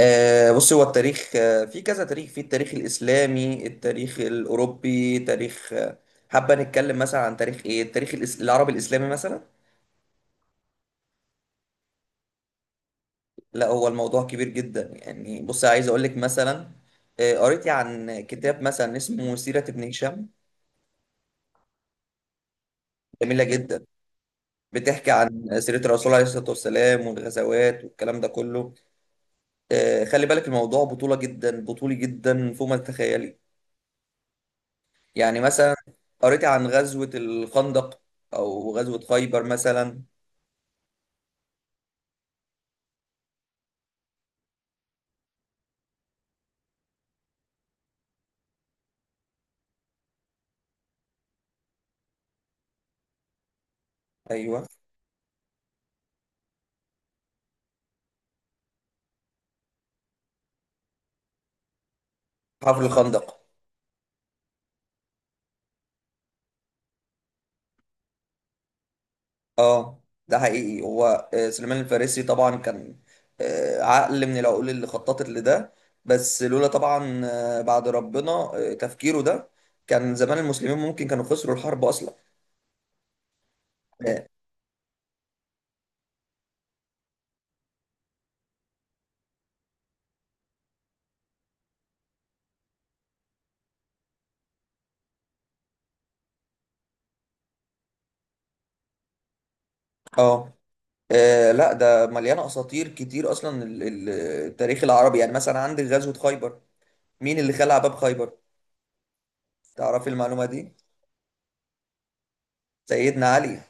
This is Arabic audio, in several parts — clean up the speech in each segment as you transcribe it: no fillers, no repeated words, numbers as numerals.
بص، هو التاريخ في كذا تاريخ: في التاريخ الإسلامي، التاريخ الأوروبي، تاريخ... حابة نتكلم مثلا عن تاريخ إيه؟ التاريخ العربي الإسلامي مثلا. لا، هو الموضوع كبير جدا يعني. بص، عايز أقول لك مثلا. قريت عن كتاب مثلا اسمه سيرة ابن هشام. جميلة جدا، بتحكي عن سيرة الرسول عليه الصلاة والسلام والغزوات والكلام ده كله. خلي بالك، الموضوع بطولة جدا، بطولي جدا فوق ما تتخيلي. يعني مثلا قريت عن غزوة الخندق أو غزوة خيبر مثلا. أيوه، حفر الخندق. أه، ده حقيقي. هو سليمان الفارسي طبعا كان عقل من العقول اللي خططت لده. بس لولا طبعا بعد ربنا تفكيره ده، كان زمان المسلمين ممكن كانوا خسروا الحرب أصلا. أه. لا، ده مليانة أساطير كتير أصلا. التاريخ العربي، يعني مثلا عندك غزوة خيبر. مين اللي خلع باب خيبر؟ تعرفي المعلومة دي؟ سيدنا علي.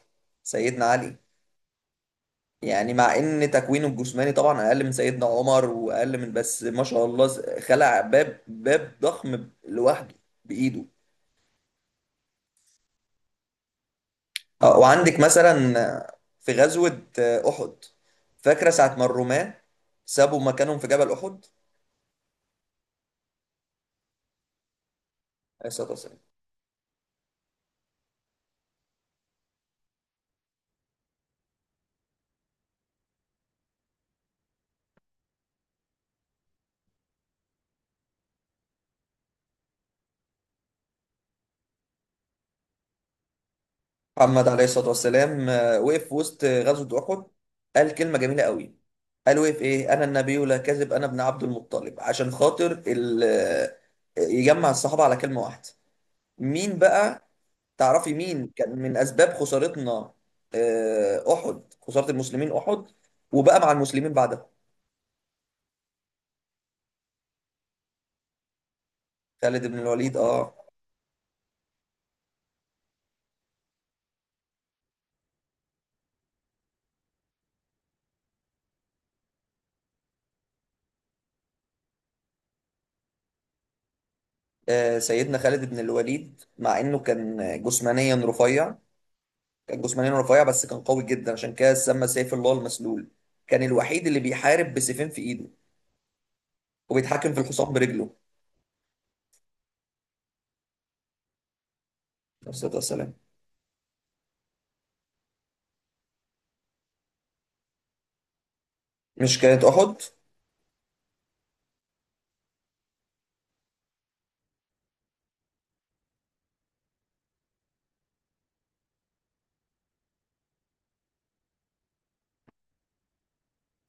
سيدنا علي. يعني مع ان تكوينه الجسماني طبعا اقل من سيدنا عمر واقل من، بس ما شاء الله، خلع باب ضخم لوحده بايده. وعندك مثلا في غزوة احد. فاكرة ساعة ما الرومان سابوا مكانهم في جبل احد؟ عليه الصلاة والسلام. محمد عليه الصلاة والسلام وقف في وسط غزوة أحد، قال كلمة جميلة قوي. قال وقف إيه: أنا النبي لا كذب، أنا ابن عبد المطلب، عشان خاطر يجمع الصحابة على كلمة واحدة. مين بقى؟ تعرفي مين كان من أسباب خسارتنا أحد؟ خسارة المسلمين أحد، وبقى مع المسلمين بعدها. خالد بن الوليد. سيدنا خالد بن الوليد، مع إنه كان جسمانيا رفيع، كان جسمانيا رفيع، بس كان قوي جدا، عشان كده سمى سيف الله المسلول. كان الوحيد اللي بيحارب بسيفين في ايده وبيتحكم في الحصان برجله. عليه الصلاة والسلام. مش كانت أحد؟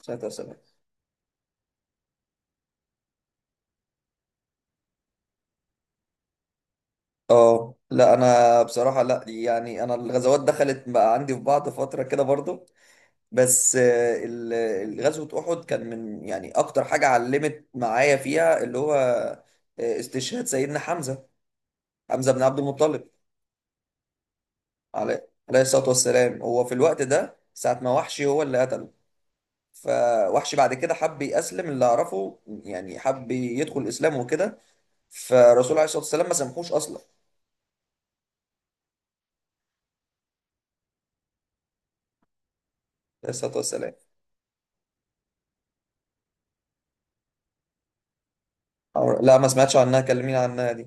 عليه السلام. اه، لا، انا بصراحة لا، يعني انا الغزوات دخلت بقى عندي في بعض فترة كده برضو. بس غزوة أحد كان من، يعني اكتر حاجة علمت معايا فيها، اللي هو استشهاد سيدنا حمزة، حمزة بن عبد المطلب. عليه الصلاة والسلام. هو في الوقت ده، ساعة ما وحشي هو اللي قتله. فوحش بعد كده حب يأسلم، اللي أعرفه، يعني حب يدخل الإسلام وكده، فالرسول عليه الصلاة والسلام ما سامحوش أصلا. عليه الصلاة والسلام. لا، ما سمعتش عنها، كلمين عنها دي.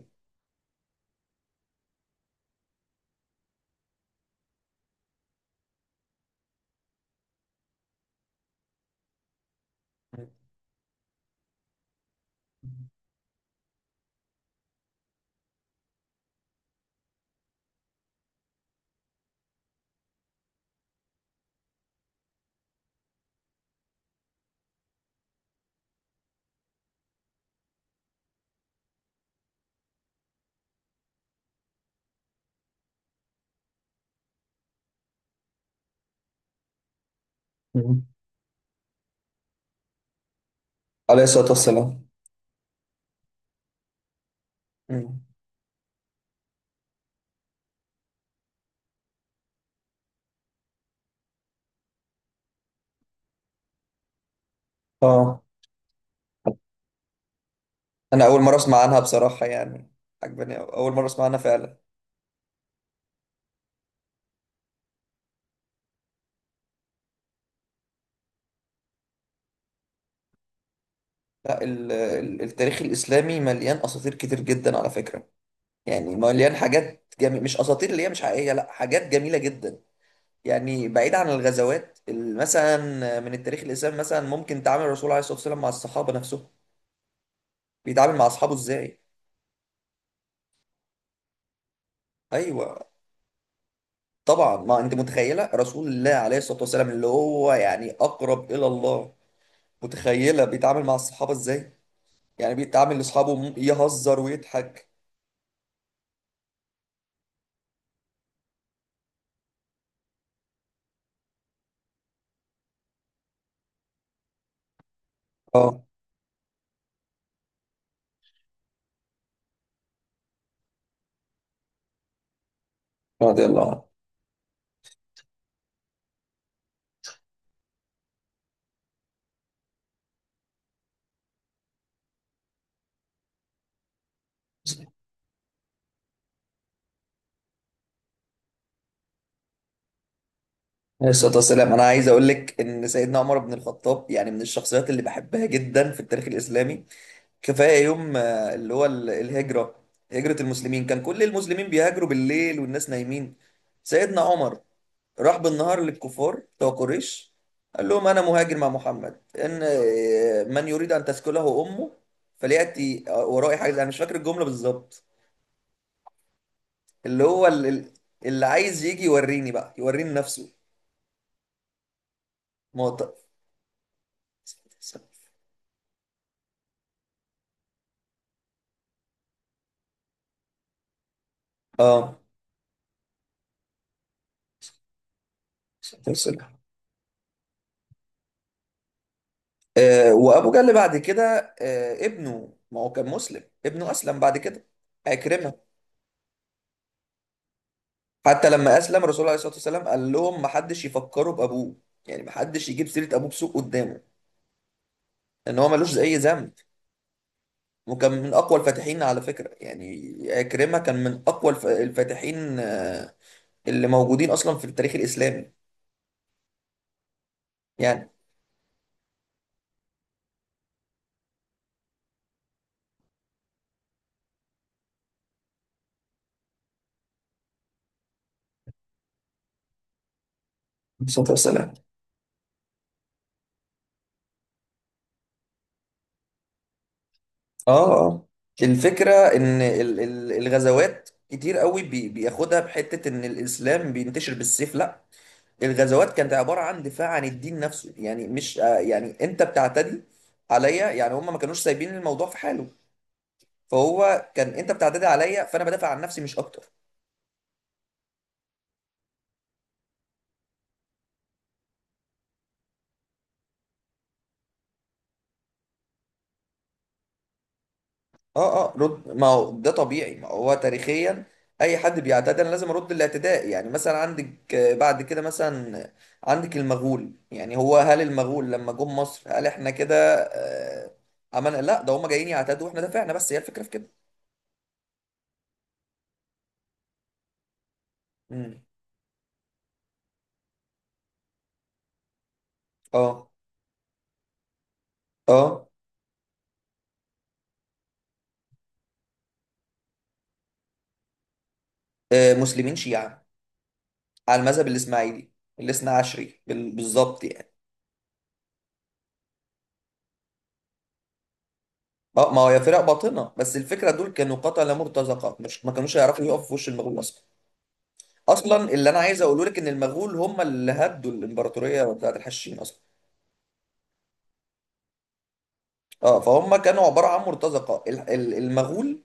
مم. عليه الصلاة والسلام. مم. اه، أنا أول مرة أسمع عنها بصراحة يعني. عجباني أوي. أول مرة أسمع عنها فعلا. لا، التاريخ الإسلامي مليان أساطير كتير جدا على فكرة. يعني مليان حاجات جميلة، مش أساطير اللي هي مش حقيقية، لا، حاجات جميلة جدا. يعني بعيد عن الغزوات مثلا، من التاريخ الاسلامي مثلا ممكن تعامل الرسول عليه الصلاه والسلام مع الصحابه نفسهم. بيتعامل مع اصحابه ازاي؟ ايوه. طبعا، ما انت متخيله رسول الله عليه الصلاه والسلام، اللي هو يعني اقرب الى الله، متخيله بيتعامل مع الصحابه ازاي؟ يعني بيتعامل لاصحابه، يهزر ويضحك. اه. رضي الله عنه. عليه الصلاه والسلام. انا عايز اقول لك ان سيدنا عمر بن الخطاب يعني من الشخصيات اللي بحبها جدا في التاريخ الاسلامي. كفايه يوم الهجره. هجره المسلمين، كان كل المسلمين بيهاجروا بالليل والناس نايمين. سيدنا عمر راح بالنهار للكفار بتوع قريش، قال لهم: انا مهاجر مع محمد، ان آه، من يريد ان تسكله امه فلياتي ورائي حاجز. انا مش فاكر الجمله بالظبط. اللي هو ال- اللي عايز يجي يوريني، بقى يوريني نفسه. ما هو اه. وابو جهل بعد كده ابنه، ما هو كان مسلم، ابنه اسلم بعد كده، عكرمه. حتى لما اسلم، الرسول عليه الصلاه والسلام قال لهم ما حدش يفكروا بابوه، يعني ما حدش يجيب سيره ابوه بسوء قدامه، ان هو ملوش اي ذنب. وكان من اقوى الفاتحين على فكره، يعني عكرمه كان من اقوى الفاتحين اللي موجودين اصلا في التاريخ الاسلامي. يعني عليه الصلاه والسلام. اه آه. الفكره ان الغزوات كتير قوي بياخدها بحته ان الاسلام بينتشر بالسيف، لا. الغزوات كانت عبارة عن دفاع عن الدين نفسه، يعني مش يعني انت بتعتدي عليا، يعني هم ما كانوش سايبين الموضوع في حاله. فهو كان انت بتعتدي عليا فانا بدافع عن نفسي مش اكتر. اه، رد. ما هو ده طبيعي، ما هو تاريخيا اي حد بيعتدي انا لازم ارد الاعتداء. يعني مثلا عندك بعد كده مثلا عندك المغول. يعني هو، هل المغول لما جم مصر هل احنا كده آه، عملنا؟ لا، ده هم جايين يعتدوا واحنا دافعنا، بس هي الفكرة في كده. مم. اه. اه مسلمين شيعة على المذهب الاسماعيلي، الاثنى عشري بالظبط يعني. اه، ما هو يا فرق باطنه، بس الفكره دول كانوا قتله مرتزقه، مش ما كانوش هيعرفوا يقفوا في وش المغول اصلا. اصلا اللي انا عايز اقوله لك ان المغول هم اللي هدوا الامبراطوريه بتاعت الحشاشين اصلا. اه، فهم كانوا عباره عن مرتزقه. المغول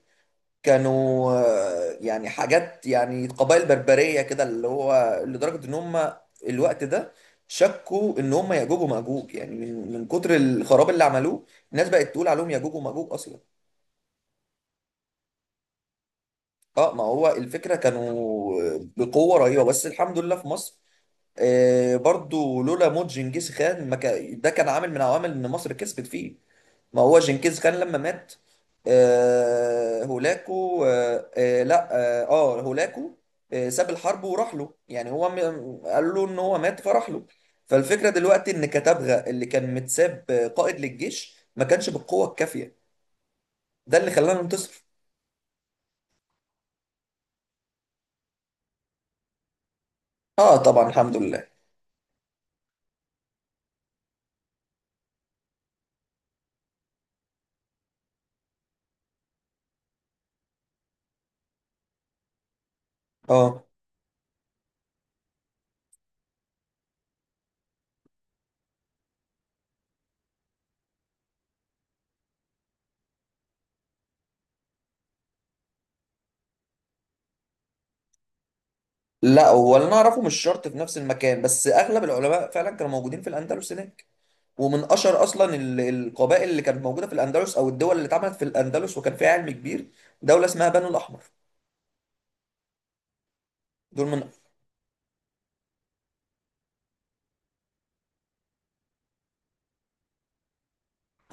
كانوا يعني حاجات، يعني قبائل بربريه كده، اللي هو لدرجه ان هم الوقت ده شكوا ان هم ياجوج وماجوج، يعني من كتر الخراب اللي عملوه الناس بقت تقول عليهم ياجوج وماجوج اصلا. اه، ما هو الفكرة كانوا بقوة رهيبة، بس الحمد لله في مصر برضو، لولا موت جنكيز خان ما كان، ده كان عامل من عوامل ان مصر كسبت فيه. ما هو جنكيز خان لما مات... هولاكو. لا. هولاكو ساب الحرب وراح له. يعني هو، قال له ان هو مات فراح له. فالفكرة دلوقتي ان كتبغا، اللي كان متساب قائد للجيش، ما كانش بالقوة الكافية. ده اللي خلانا ننتصر. اه، طبعا، الحمد لله. اه. لا، هو اللي انا اعرفه مش شرط في نفس المكان، بس اغلب العلماء فعلا كانوا موجودين في الاندلس هناك. ومن اشهر اصلا القبائل اللي كانت موجوده في الاندلس، او الدول اللي اتعملت في الاندلس وكان فيها علم كبير، دوله اسمها بنو الاحمر. دول من...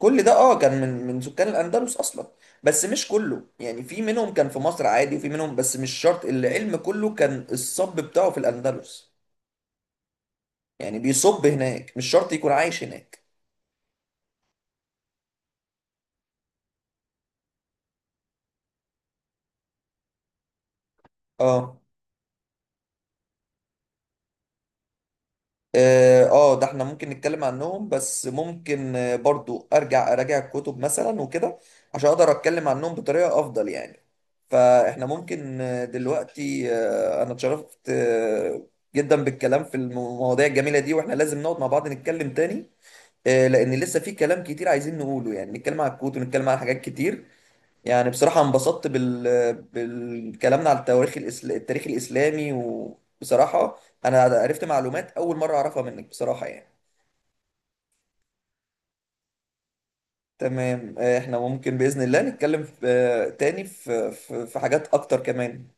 كل ده، اه، كان من سكان الاندلس اصلا. بس مش كله، يعني في منهم كان في مصر عادي وفي منهم، بس مش شرط العلم كله كان الصب بتاعه في الاندلس، يعني بيصب هناك، مش شرط يكون عايش هناك. اه اه. ده احنا ممكن نتكلم عنهم، بس ممكن برضو ارجع اراجع الكتب مثلا وكده، عشان اقدر اتكلم عنهم بطريقة افضل يعني. فاحنا ممكن دلوقتي انا اتشرفت جدا بالكلام في المواضيع الجميلة دي، واحنا لازم نقعد مع بعض نتكلم تاني. لان لسه في كلام كتير عايزين نقوله، يعني نتكلم عن الكوت ونتكلم عن حاجات كتير. يعني بصراحة انبسطت بالكلامنا على التاريخ الإسلامي، وبصراحة أنا عرفت معلومات أول مرة أعرفها منك بصراحة يعني. تمام. إحنا ممكن بإذن الله نتكلم في... آه، تاني في حاجات أكتر كمان.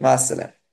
مع السلامة.